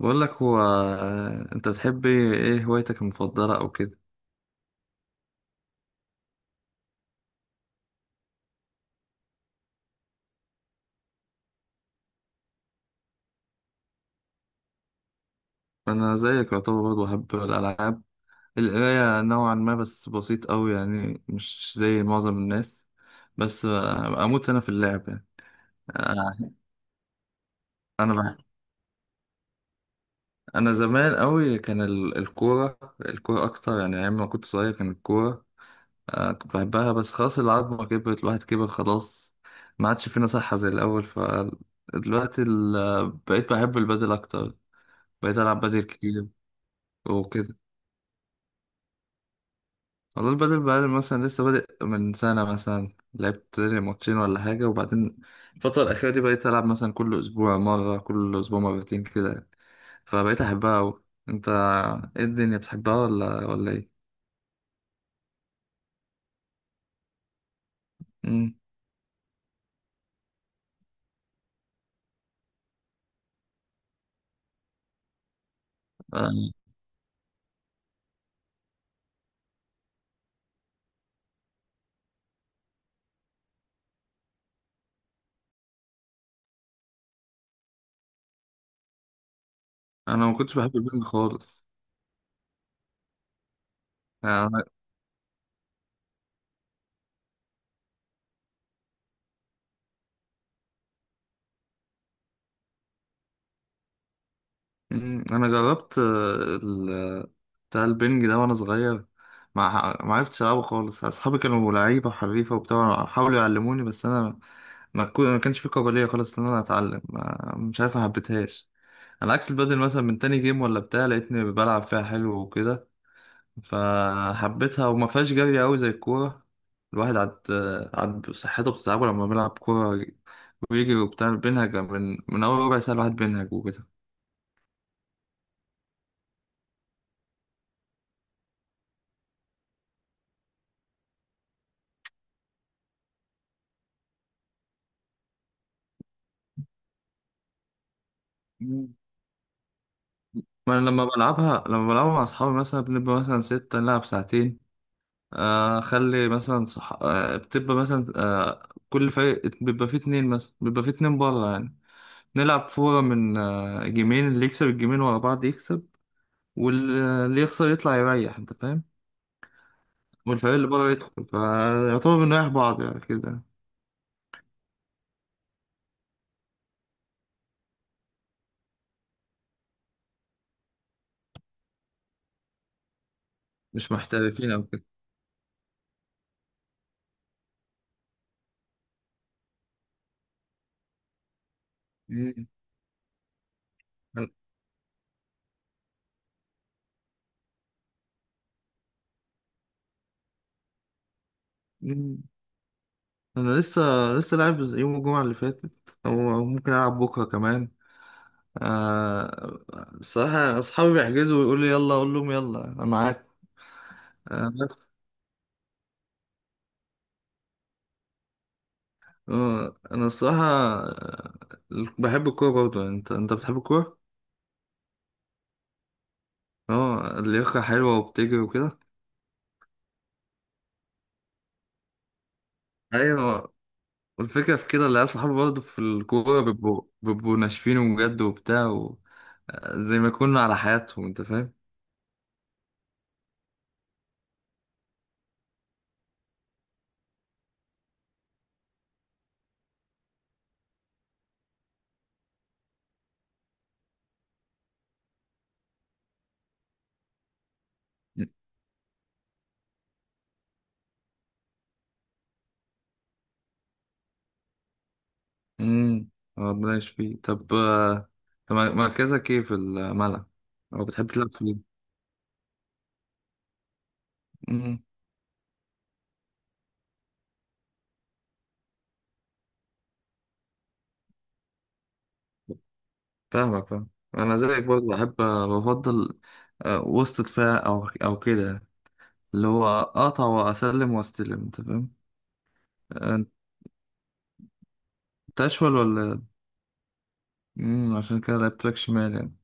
بقول لك هو انت بتحب إيه هوايتك المفضله او كده. انا زيك يعتبر برضه بحب الالعاب، القرايه نوعا ما بس بسيط قوي يعني مش زي معظم الناس. بس اموت انا في اللعب يعني. انا انا بح- انا زمان قوي كان الكوره، الكوره اكتر يعني ايام ما كنت صغير كان الكوره. كنت بحبها بس خلاص، العظمه كبرت، الواحد كبر خلاص، ما عادش فينا صحه زي الاول. فدلوقتي بقيت بحب البادل اكتر، بقيت ألعب بدل كتير وكده. والله البدل بقى مثلا لسه بادئ من سنة، مثلا لعبت لي ماتشين ولا حاجة، وبعدين الفترة الأخيرة دي بقيت ألعب مثلا كل أسبوع مرة، كل أسبوع مرتين كده يعني. فبقيت أحبها أوي. أنت إيه الدنيا بتحبها ولا إيه؟ مم. أنا. أنا ما كنتش بحب البنج خالص. مم، انا جربت، ال- بتاع البنج ده وانا صغير، ما عرفتش العبه خالص. اصحابي كانوا لعيبه حريفه وبتاع، حاولوا يعلموني بس انا ما كانش في قابليه خالص ان انا اتعلم، مش عارف، ما حبيتهاش. على عكس البادل مثلا، من تاني جيم ولا بتاع لقيتني بلعب فيها حلو وكده، فحبيتها وما فيهاش جري قوي زي الكوره. الواحد عاد صحته بتتعبه لما بيلعب كوره ويجري وبتاع، بينهج من اول ربع ساعه الواحد بينهج وكده. ما انا لما بلعبها، لما بلعبها مع اصحابي مثلا بنبقى مثلا ستة نلعب ساعتين. اخلي مثلا صح، بتبقى مثلا كل فريق بيبقى فيه اتنين، مثلا بيبقى فيه اتنين بره يعني. نلعب فورة من جيمين، اللي يكسب الجيمين ورا بعض يكسب، واللي يخسر يطلع يريح، انت فاهم. والفريق اللي بره يدخل، فيعتبر بنريح بعض يعني كده. مش محترفين او كده. مم. أنا. مم. أنا لسه لسه لاعب يوم الجمعة اللي فاتت، أو أو ممكن ألعب بكرة كمان. آه، الصراحة أصحابي بيحجزوا ويقولوا لي يلا، أقول لهم يلا أنا معاك. آه بس، آه أنا الصراحة، بحب الكورة برضه يعني. أنت بتحب الكورة؟ أه، اللياقة حلوة وبتجري وكده. أيوة. والفكرة في كده، اللي أصحابي برضه في الكورة بيبقوا ناشفين بجد وبتاع و... زي ما يكونوا على حياتهم، أنت فاهم؟ أمم، ربنا يشفيه. طب طب مركزك إيه في الملعب؟ أو بتحب تلعب فين؟ فاهمك، فاهم. انا زيك برضه بحب، بفضل وسط دفاع او او كده، اللي هو اقطع واسلم واستلم، انت فاهم. آه، انت اشول ولا؟ امم، عشان كده لعبت باك شمال يعني.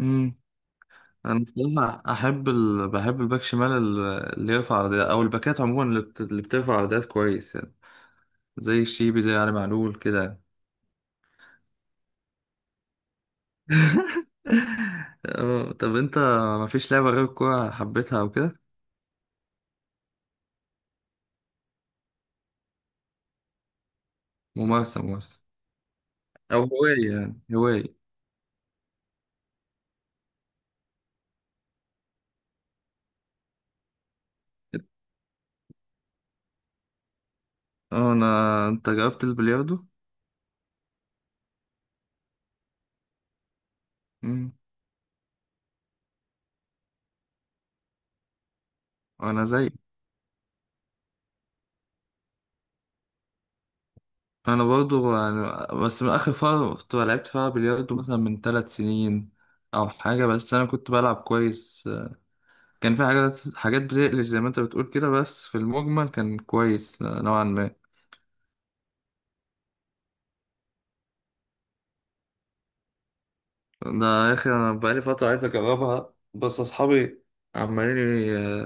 امم. انا بصراحه احب ال، بحب الباك شمال، اللي يرفع عرضيات، او الباكات عموما اللي، اللي بترفع عرضيات كويس يعني، زي الشيبي، زي علي معلول كده. طب انت مفيش لعبه غير الكوره حبيتها او كده؟ ممارسه، ممارسه او هوايه يعني هوايه. اه انا، انت جربت البلياردو؟ امم، انا زي، انا برضو يعني، بس من اخر فتره كنت لعبت فيها بلياردو مثلا من ثلاث سنين او حاجه، بس انا كنت بلعب كويس، كان في حاجات، بتقلش زي ما انت بتقول كده، بس في المجمل كان كويس نوعا ما. ده يا اخي انا بقالي فتره عايز اجربها، بس اصحابي عمالين،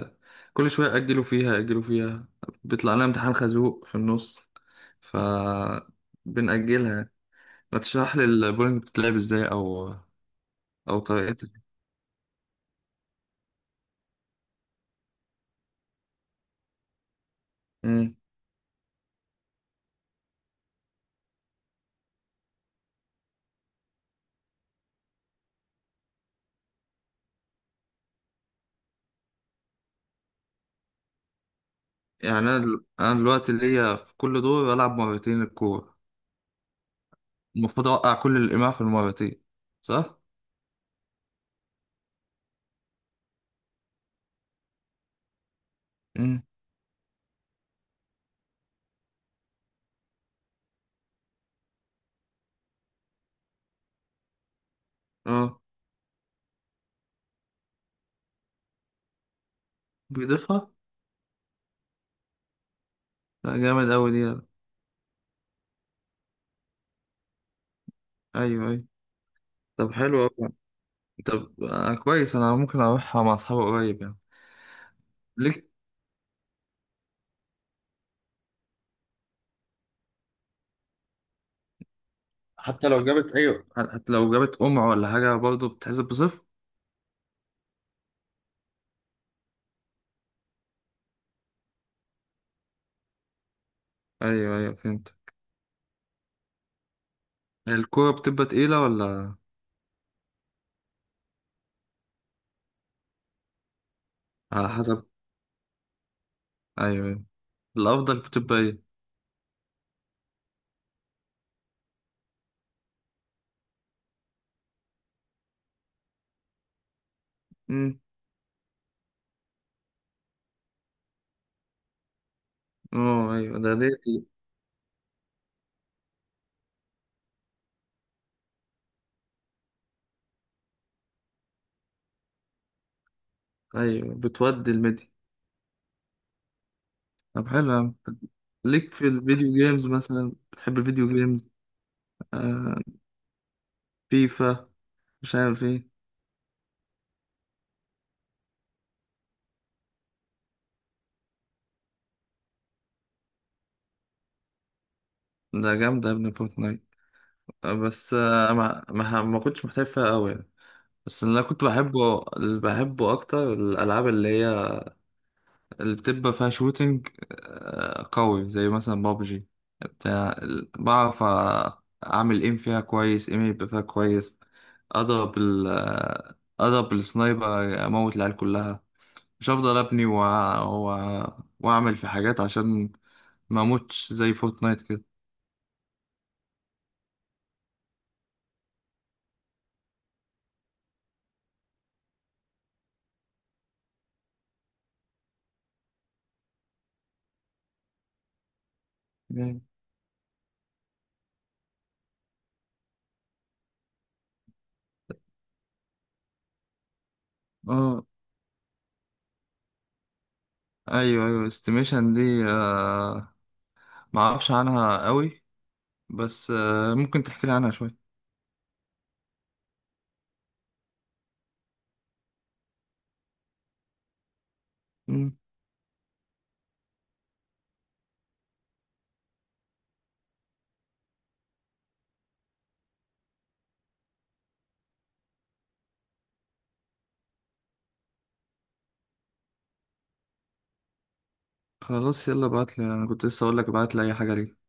ي- كل شويه اجلوا فيها، بيطلع لنا امتحان خازوق في النص، ف بنأجلها. ما تشرح لي البولينج بتتلعب ازاي او او طريقة؟ مم. يعني انا انا دلوقتي ليا في كل دور العب مرتين الكورة، المفروض اوقع كل الايماع في المرتين، صح؟ مم. اه، بيضيفها. لا جامد اوي دي. ايوه ايوه. طب حلو اوي. طب آه كويس، انا ممكن اروحها مع اصحابي قريب يعني. ليك. حتى لو جابت ايوه، حتى لو جابت قمع ولا حاجة برضه بتحسب بصفر. ايوه ايوه فهمت. الكورة بتبقى تقيلة ولا؟ على حسب. ايوه ايوه. الافضل بتبقى ايه؟ اه ايوه ده دي. ايوه بتودي الميديا. طب حلو يا عم. ليك في الفيديو جيمز مثلا، بتحب الفيديو جيمز؟ آه، فيفا، مش عارف ايه. ده جامدة يا ابني فورتنايت. بس آه، ما كنتش محترف فيها قوي يعني. بس اللي انا كنت بحبه، اللي بحبه اكتر الالعاب اللي هي اللي بتبقى فيها شوتينج قوي، زي مثلا بابجي. بتاع بعرف أعمل ايم فيها كويس، ايم يبقى فيها كويس، أضرب ال، أضرب السنايبر، أموت العيال كلها، مش هفضل أبني و... و... وأعمل في حاجات عشان ما أموتش زي فورتنايت كده. مم. اه أيوه أيوه، استيميشن دي ما أعرفش عنها قوي، بس ممكن تحكي لي عنها شوية. مم. خلاص يلا ابعتلي، أنا كنت لسه أقولك ابعتلي أي حاجة ليك.